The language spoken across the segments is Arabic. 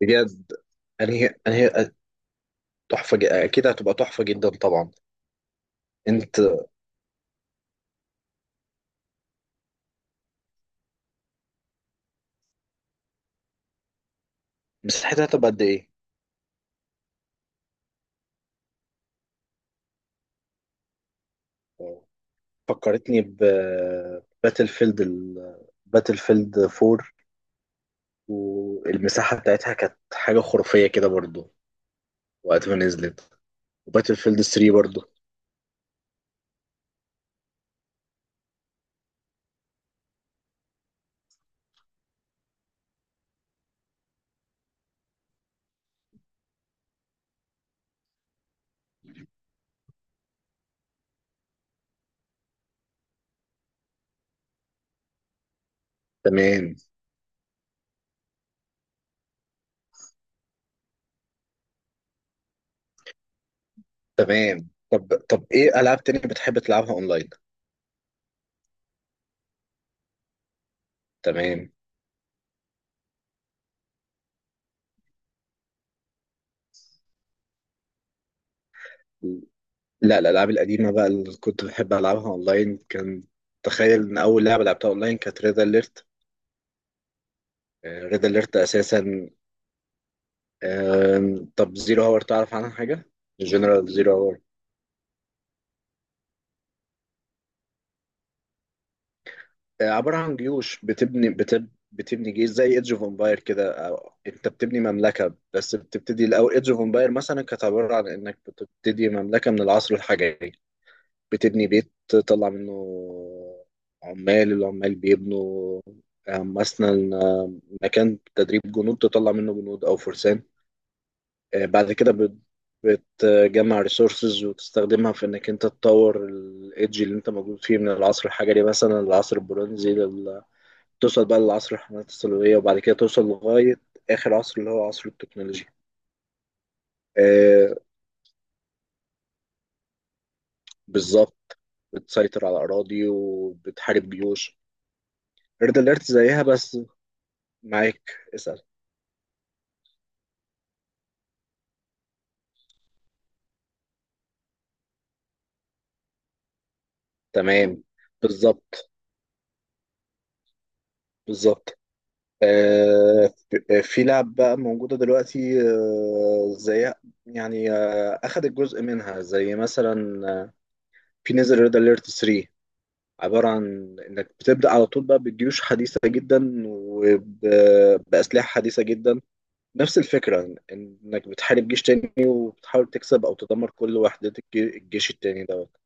بجد. انهي؟ اكيد هتبقى تحفه جدا طبعا. انت، مساحتها هتبقى قد ايه؟ فكرتني ب باتل فيلد ال... باتل فيلد 4. والمساحه بتاعتها كانت حاجه خرافيه كده برضو وقت ما نزلت، وباتل فيلد 3 برضو. تمام. طب ايه العاب تانية بتحب تلعبها اونلاين؟ تمام. لا، الالعاب القديمه بقى اللي كنت بحب العبها اونلاين كان، تخيل ان اول لعبه لعبتها اونلاين كانت ريد اليرت. ريد اليرت اساسا. طب زيرو هاور تعرف عنها حاجه؟ جنرال زيرو هاور. عباره عن جيوش بتبني جيش زي ايدج اوف امباير كده، أو انت بتبني مملكه. بس بتبتدي الاول ايدج اوف امباير مثلا كانت عباره عن انك بتبتدي مملكه من العصر الحجري. بتبني بيت تطلع منه عمال، العمال بيبنوا. مثلا مكان تدريب جنود تطلع منه جنود او فرسان. بعد كده بتجمع ريسورسز وتستخدمها في انك انت تطور الايدج اللي انت موجود فيه من العصر الحجري مثلا للعصر البرونزي توصل بقى للعصر الحملات الصليبية، وبعد كده توصل لغاية آخر عصر اللي هو عصر التكنولوجيا. آه، بالظبط. بتسيطر على أراضي وبتحارب جيوش. ريد أليرت زيها بس. معاك، اسأل. تمام. بالظبط. بالظبط. في لعب بقى موجودة دلوقتي زيها. يعني أخدت جزء منها زي مثلا آه، في نزل ريد أليرت 3. عبارة عن إنك بتبدأ على طول بقى بجيوش حديثة جدا وبأسلحة حديثة جدا. نفس الفكرة إنك بتحارب جيش تاني وبتحاول تكسب أو تدمر كل وحدات الجيش التاني دوت.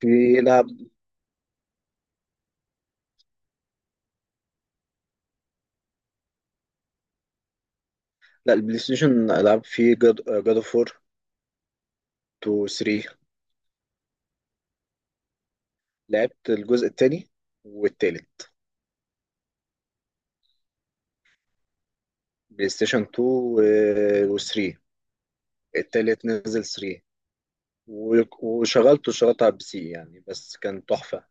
في لعب. لا، البلاي ستيشن ألعاب فيه. جاد أوف وور 2، 3. لعبت الجزء التاني والتالت. بلاي ستيشن 2 و3. التالت نزل 3، وشغلته على البي سي يعني، بس كان تحفة.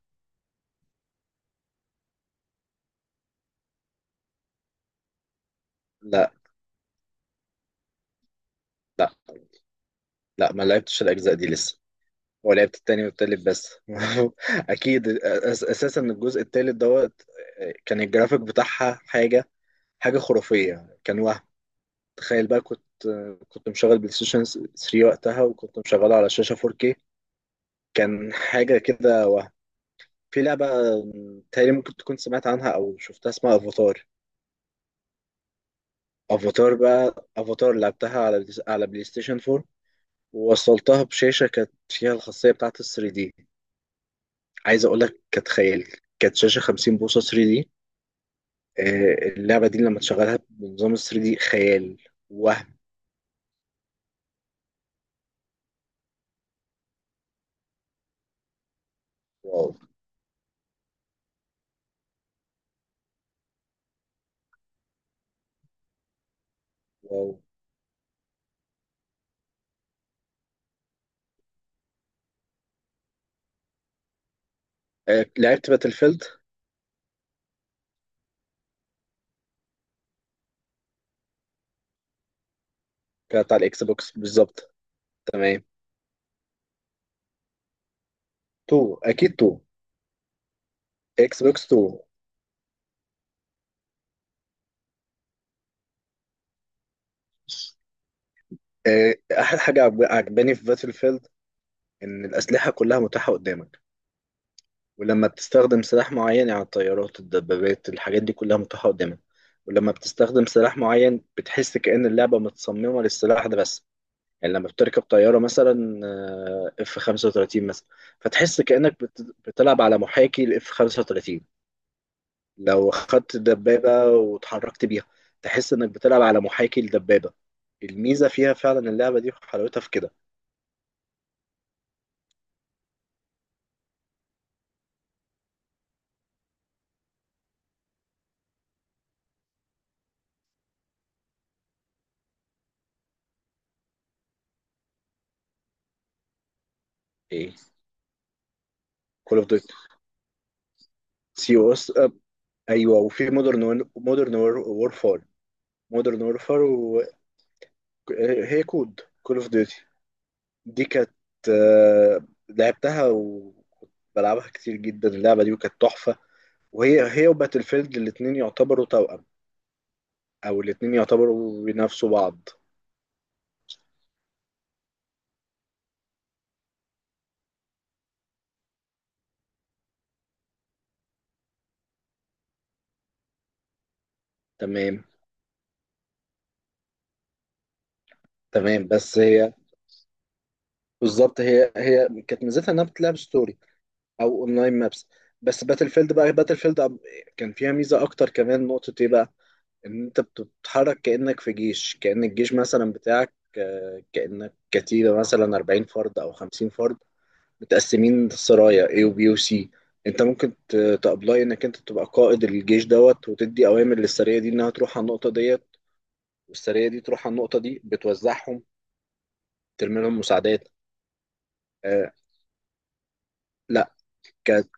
لا لا، لا، ما لعبتش الأجزاء دي لسه. هو لعبت التاني والتالت بس. أكيد أس- أساسا الجزء التالت دوت، كان الجرافيك بتاعها حاجة، حاجة خرافية. كان وهم. تخيل بقى، كنت مشغل بلاي ستيشن 3 وقتها، وكنت مشغله على شاشة 4K. كان حاجة كده، وهم. في لعبة تقريبا ممكن تكون سمعت عنها أو شفتها، اسمها أفاتار. أفاتار بقى. أفاتار لعبتها على بلاي ستيشن 4، ووصلتها بشاشة كانت فيها الخاصية بتاعة ال 3 دي. عايز أقول لك، كانت خيال. كانت شاشة 50 بوصة 3 دي. اللعبة دي لما تشغلها بنظام ال 3 دي خيال. وهم. واو. واو. لعبت باتل فيلد. كانت على الإكس بوكس بالظبط. تمام. 2، أكيد 2. إكس بوكس 2. آه، أحلى حاجة عجباني في باتل فيلد إن الأسلحة كلها متاحة قدامك. ولما بتستخدم سلاح معين، يعني الطيارات، الدبابات، الحاجات دي كلها متاحة قدامك. ولما بتستخدم سلاح معين بتحس كأن اللعبة متصممة للسلاح ده بس. يعني لما بتركب طيارة مثلا، اف 35 مثلا، فتحس كأنك بتلعب على محاكي الاف 35. لو خدت دبابة وتحركت بيها، تحس انك بتلعب على محاكي الدبابة. الميزة فيها فعلا اللعبة دي، وحلاوتها في كده. ايه؟ كول اوف ديوتي. سي او اس. ايوه، وفي مودرن وورفار. مودرن وورفار. وهي كود، كول اوف ديوتي. دي كانت، لعبتها وكنت بلعبها كتير جدا اللعبه دي، وكانت تحفه. وهي وباتل فيلد الاتنين يعتبروا توأم، او الاتنين يعتبروا بينافسوا بعض. تمام. تمام. بس هي بالظبط، هي كانت ميزتها انها بتلعب ستوري او اونلاين مابس. بس باتل فيلد بقى، باتل فيلد كان فيها ميزه اكتر كمان. نقطه ايه بقى؟ ان انت بتتحرك كأنك في جيش، كأن الجيش مثلا بتاعك كأنك كتيبة مثلا 40 فرد او 50 فرد متقسمين سرايا A و B و C. انت ممكن تابلاي انك انت تبقى قائد الجيش دوت، وتدي اوامر للسرية دي انها تروح على النقطة ديت، والسرية دي تروح على النقطة دي بتوزعهم، ترمي لهم مساعدات. آه. لا، كانت،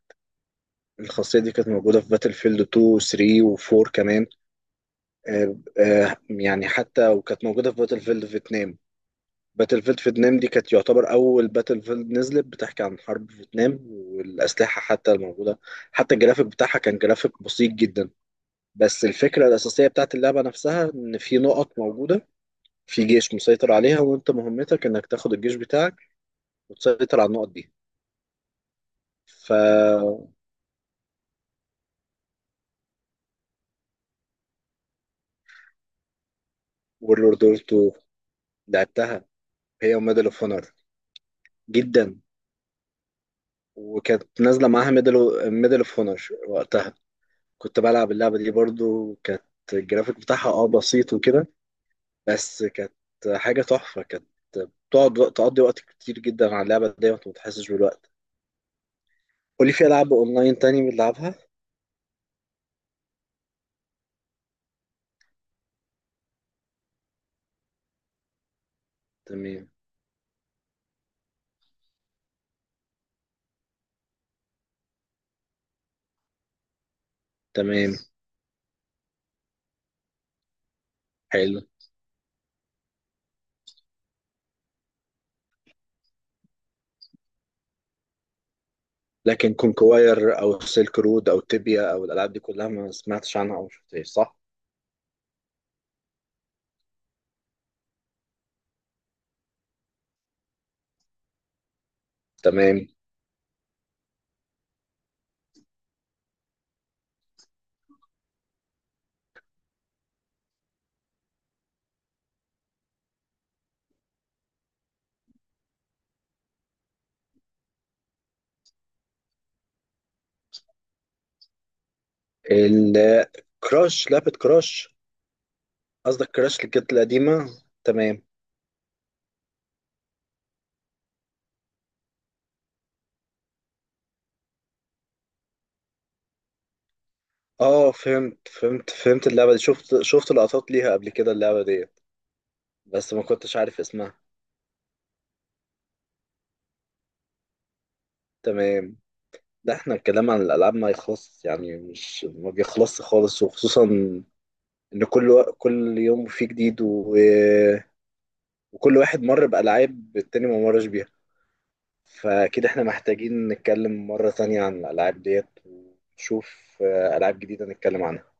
الخاصية دي كانت موجودة في باتل فيلد 2 و 3 و 4 كمان. يعني حتى، وكانت موجودة في باتل فيلد فيتنام. باتل فيلد فيتنام دي كانت يعتبر أول باتل فيلد نزلت بتحكي عن حرب فيتنام، والأسلحة حتى الموجودة، حتى الجرافيك بتاعها كان جرافيك بسيط جدا. بس الفكرة الأساسية بتاعت اللعبة نفسها إن في نقط موجودة، في جيش مسيطر عليها، وأنت مهمتك إنك تاخد الجيش بتاعك وتسيطر على النقط دي. ف، وورلد وور 2. لعبتها، هي وميدل اوف اونر. جدا. وكانت نازلة معاها ميدل اوف اونر وقتها. كنت بلعب اللعبة دي برضو، كانت الجرافيك بتاعها اه بسيط وكده، بس كانت حاجة تحفة. كانت تقضي وقت كتير جدا على اللعبة دي وانت متحسش بالوقت. قولي، في ألعاب أونلاين تاني بنلعبها؟ تمام. تمام. حلو. لكن كونكواير أو سيلك رود أو تيبيا أو الألعاب دي كلها ما سمعتش عنها أو شفتهاش صح؟ تمام. الكراش، لعبة كراش. قصدك كراش اللي كانت القديمة. تمام. اه، فهمت فهمت فهمت. اللعبة دي شفت لقطات ليها قبل كده. اللعبة دي بس ما كنتش عارف اسمها. تمام. ده احنا الكلام عن الألعاب ما يخلص يعني، مش ما بيخلصش خالص. وخصوصا إن كل كل يوم فيه جديد وكل واحد مر بألعاب التاني ما مرش بيها، فأكيد احنا محتاجين نتكلم مرة تانية عن الألعاب ديت ونشوف ألعاب جديدة نتكلم عنها.